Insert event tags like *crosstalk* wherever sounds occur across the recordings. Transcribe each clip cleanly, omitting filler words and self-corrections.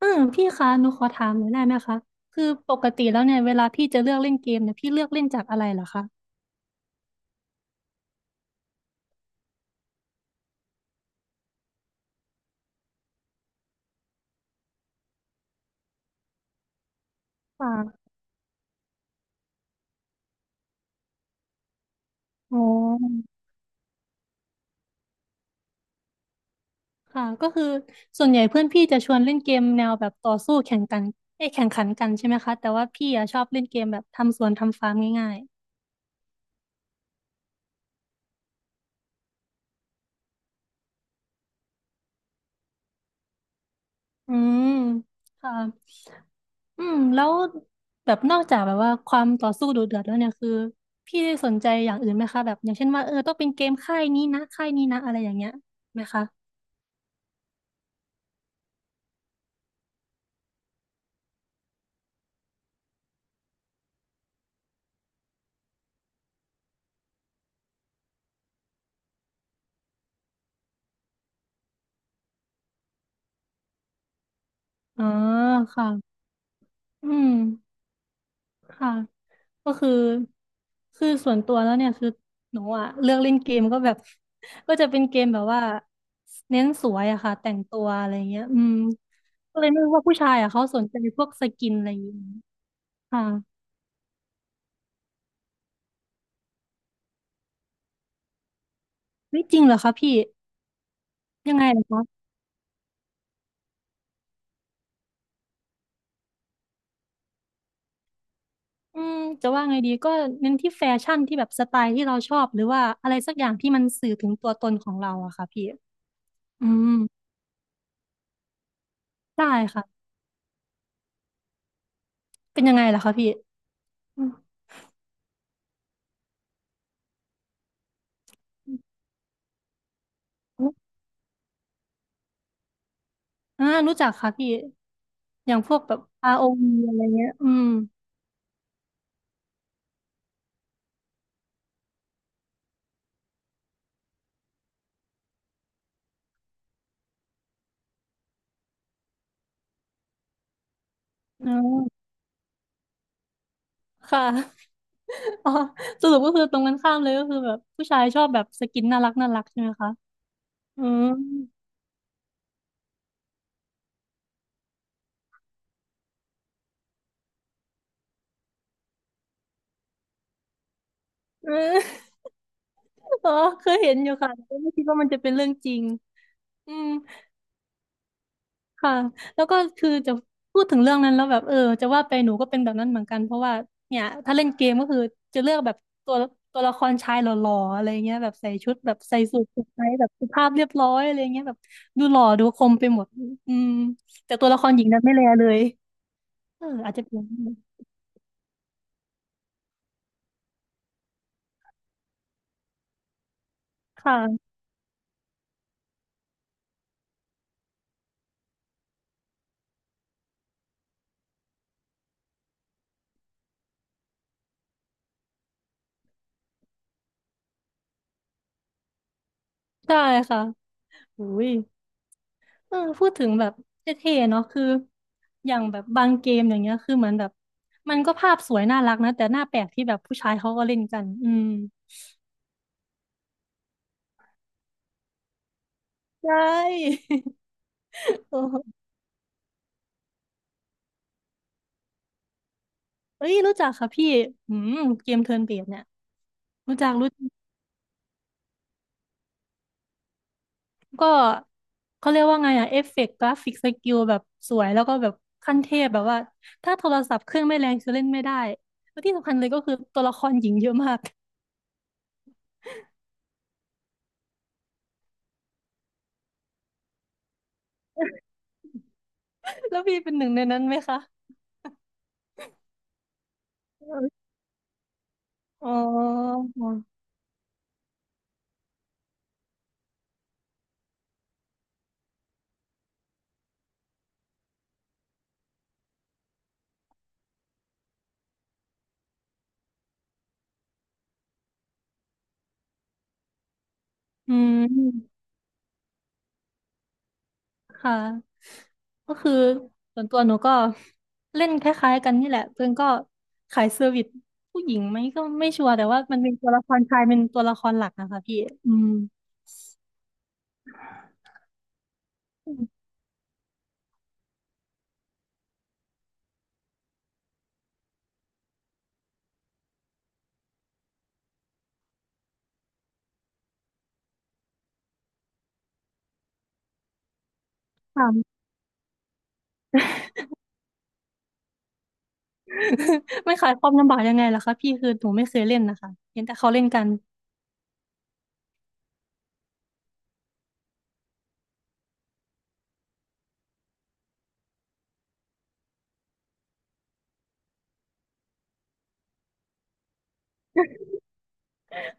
อืมพี่คะหนูขอถามหน่อยได้ไหมคะคือปกติแล้วเนี่ยเวลาพี่จะเลือกเล่นเกมเนี่ยพี่เลือกเล่นจากอะไรเหรอคะค่ะอ๋อค่ะก็คือส่วนใหญ่เพื่อนพี่จะชวนเล่นเกมแนวแบบต่อสู้แข่งกันเอ้ยแข่งขันกันใช่ไหมคะแต่ว่าพี่อะชอบเล่นเกมแบบทำสวนทำฟาร์มง่ายๆอืมค่ะอืมแล้วแบบนอกจากแบบว่าความต่อสู้ดุเดือดแล้วเนี่ยคือพี่ได้สนใจอย่างอื่นไหมคะแบบอย่างเช่นว่าต้องเป็นเกมค่ายนี้นะค่ายนี้นะอะไรอย่างเงี้ยไหมคะอ๋อค่ะ อืมค่ะก็คือส่วนตัวแล้วเนี่ยคือหนูอะเลือกเล่นเกมก็แบบ *laughs* ก็จะเป็นเกมแบบว่าเน้นสวยอะค่ะแต่งตัวอะไรเงี้ยอืมก็เลยไม่รู้ว่าผู้ชายอะเขาสนใจพวกสกินอะไรอย่างงี้ค่ะเฮ้ยจริงเหรอคะพี่ยังไงเหรอคะอืมจะว่าไงดีก็เน้นที่แฟชั่นที่แบบสไตล์ที่เราชอบหรือว่าอะไรสักอย่างที่มันสื่อถึงตัวตนของเราอะค่ะพี่อืมได้ค่ะเป็นยังไงล่ะคะพี่อืมอ่ารู้จักค่ะพี่ อย่างพวกแบบ ROV อวีอะไรเงี้ย อืมอ๋อค่ะ *laughs* อ๋อ สรุปก็คือตรงกันข้ามเลยก็คือแบบผู้ชายชอบแบบสกินน่ารักน่ารักใช่ไหมคะอืมเอืม *laughs* อ๋อ เคยเห็นอยู่ค่ะแต่ก็ไม่คิดว่ามันจะเป็นเรื่องจริงอืม ค่ะแล้วก็คือจะพูดถึงเรื่องนั้นแล้วแบบจะว่าไปหนูก็เป็นแบบนั้นเหมือนกันเพราะว่าเนี่ยถ้าเล่นเกมก็คือจะเลือกแบบตัวตัวละครชายหล่อๆอะไรเงี้ยแบบใส่ชุดแบบใส่สูทสุดไทยแบบสุภาพเรียบร้อยอะไรเงี้ยแบบดูหล่อดูคมไปหมดอืมแต่ตัวละครหญิงนั้นไม่แลเลยเอออาจจะเป็นอย่างนั้นค่ะได้ค่ะอุ้ยพูดถึงแบบเท่ๆเนาะคืออย่างแบบบางเกมอย่างเงี้ยคือเหมือนแบบมันก็ภาพสวยน่ารักนะแต่หน้าแปลกที่แบบผู้ชายเขาก็เล่นกันอืม ใช่ *laughs* โอ้โหเอ้ยรู้จักค่ะพี่อืมเกมเทิร์นเบสเนี่ยรู้จักรู้จักก็เขาเรียกว่าไงอะเอฟเฟกต์กราฟิกสกิลแบบสวยแล้วก็แบบขั้นเทพแบบว่าถ้าโทรศัพท์เครื่องไม่แรงจะเล่นไม่ได้แล้วที่สำคัญเลยก็คือตัวละครหญิงเยอะมาก *laughs* แล้วพี่เป็นหนึ่งในนั้นไหมคะอ๋ออืม ค่ะก็คือส่วนตัวหนูก็เล่นคล้ายๆกันนี่แหละเพื่อนก็ขายเซอร์วิสผู้หญิงไหมก็ไม่ชัวร์แต่ว่ามันเป็นตัวละครชายเป็นตัวละครหลักนะคะพี่อืมค่ะ *laughs* ไม่ขายความลำบากยังไงล่ะคะพี่คือหนูไม่เคยเล่นนะคะเห็นแต่เขาเล่นกัน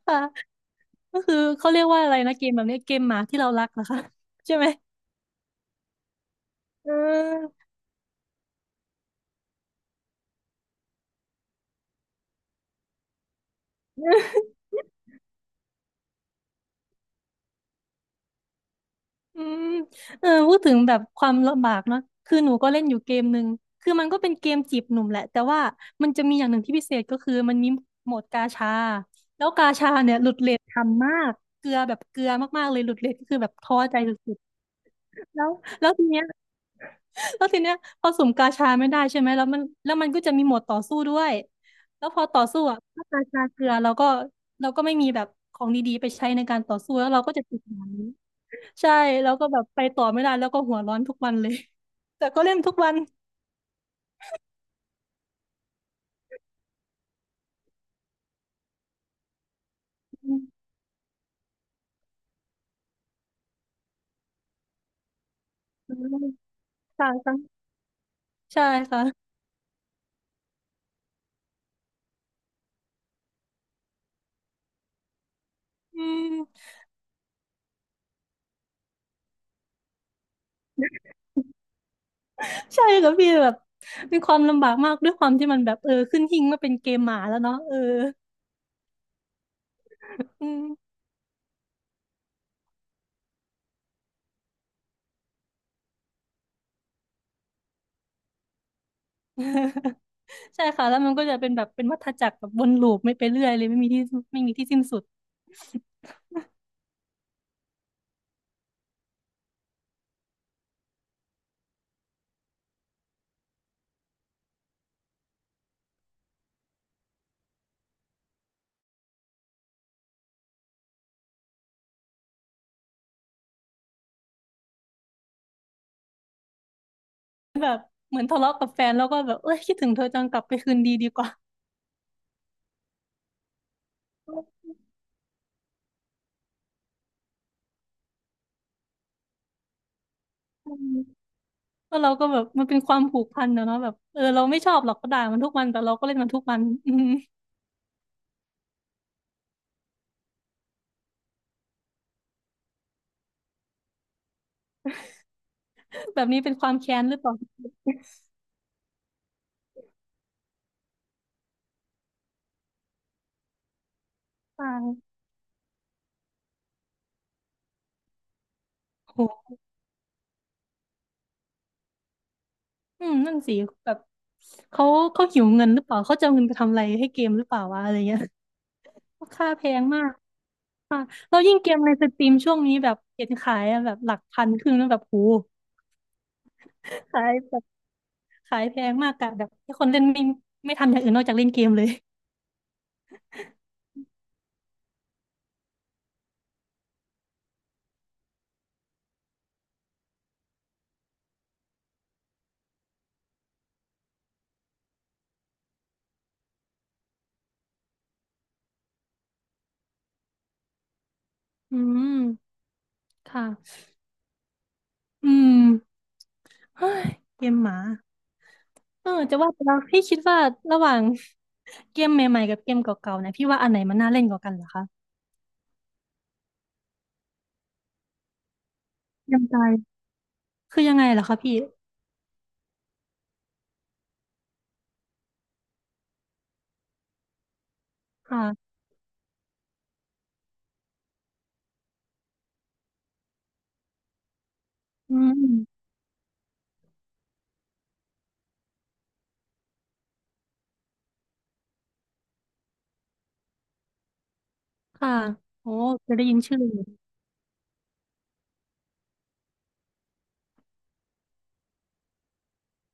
ค่ะก็คือเขาเรียกว่าอะไรนะเกมแบบนี้เกมหมาที่เรารักนะคะใช่ไหมเออ อืมพูดถึงแบบความลำบากเนาะคือหนูก็เล่นอยู่เกมหนึ่งคือมันก็เป็นเกมจีบหนุ่มแหละแต่ว่ามันจะมีอย่างหนึ่งที่พิเศษก็คือมันมีโหมดกาชาแล้วกาชาเนี่ยหลุดเรททำมากเกลือแบบเกลือมากๆเลยหลุดเรทก็คือแบบท้อใจสุดๆแล้วแล้วทีเนี้ย แล้วทีเนี้ยพอสุ่มกาชาไม่ได้ใช่ไหมแล้วมันก็จะมีโหมดต่อสู้ด้วยแล้วพอต่อสู้อ่ะถ้ากาชาเกลือเราก็เราก็ไม่มีแบบของดีๆไปใช้ในการต่อสู้แล้วเราก็จะติดแบบนี้ใช่แล้วก็แบบไปต่อไม่ได้แล้วก็หัวร้อนทุกวันเลย *laughs* แต่ก็เล่นทุกวันอืมค่ะค่ะใช่ค่ะ *laughs* อืมใช่ค่ะพี่แบบมีความลำบากมากด้วยความที่มันแบบเออขึ้นหิ้งมาเป็นเกมหมาแล้วเนาะเอออืม *laughs* ใช่ค่ะแล้วมันก็จะเป็นแบบเป็นวัฏจักรแบบวนลูปไม่ไปเรื่อยเลยไม่มีที่สิ้นสุดเหมือนทะเลาะกับแฟนแล้วก็แบบเอ้ยคิดถึงเธอจังกลับไปคืนดีดีกว่า *laughs* อืมก็เราก็แบบมันเป็นความผูกพันนะเนาะแบบเออเราไม่ชอบหรอกก็ด่ามันทุกวันแต่เราก็เล่นมันทุกวัน *laughs* อืมแบบนี้เป็นความแค้นหรือเปล่าต่างโหอืมนั่นสิแบบเขาเขาหิวเงินหรือเปล่าเขาจะเอาเงินไปทำอะไรให้เกมหรือเปล่าวะอะไรเงี้ยค่าแพงมากค่ะแล้วยิ่งเกมในสตรีมช่วงนี้แบบเห็นขายอะแบบหลักพันขึ้นแล้วแบบโหขาย ขายแพงมากกะแบบให้คนเล่นไม่ทำอย่างอื่นนอกจากเล่นเกมเลยอืมค่ะอืมเฮ้ยเกมหมาจะว่าไปแล้วพี่คิดว่าระหว่าง *laughs* เกมใหม่ๆกับเกมเก่าๆเนี่ยพี่ว่าอันไหนมันน่าเล่นกว่ากันเหรอคะยังไงคือยังไงเหรอคะพี่ค่ะอืมค่ะโอ้จะได้ยินชื่ออยู่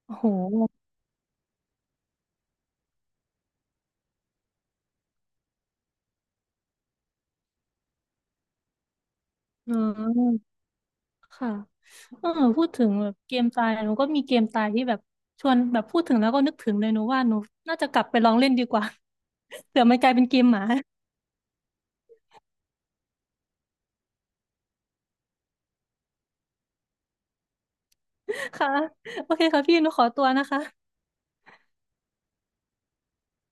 โอ้โหเออ ค่ะเออพูดถึงแบบเกมตายหนูก็มีเกมตายที่แบบชวนแบบพูดถึงแล้วก็นึกถึงเลยหนูว่าหนูน่าจะกลับไปลองเล่นดีกว่า *laughs* เดี๋ยวมันกลายเป็นเกมหมา *laughs* ค่ะ โอเคค่ะพี่หนูขอตัวนะคะ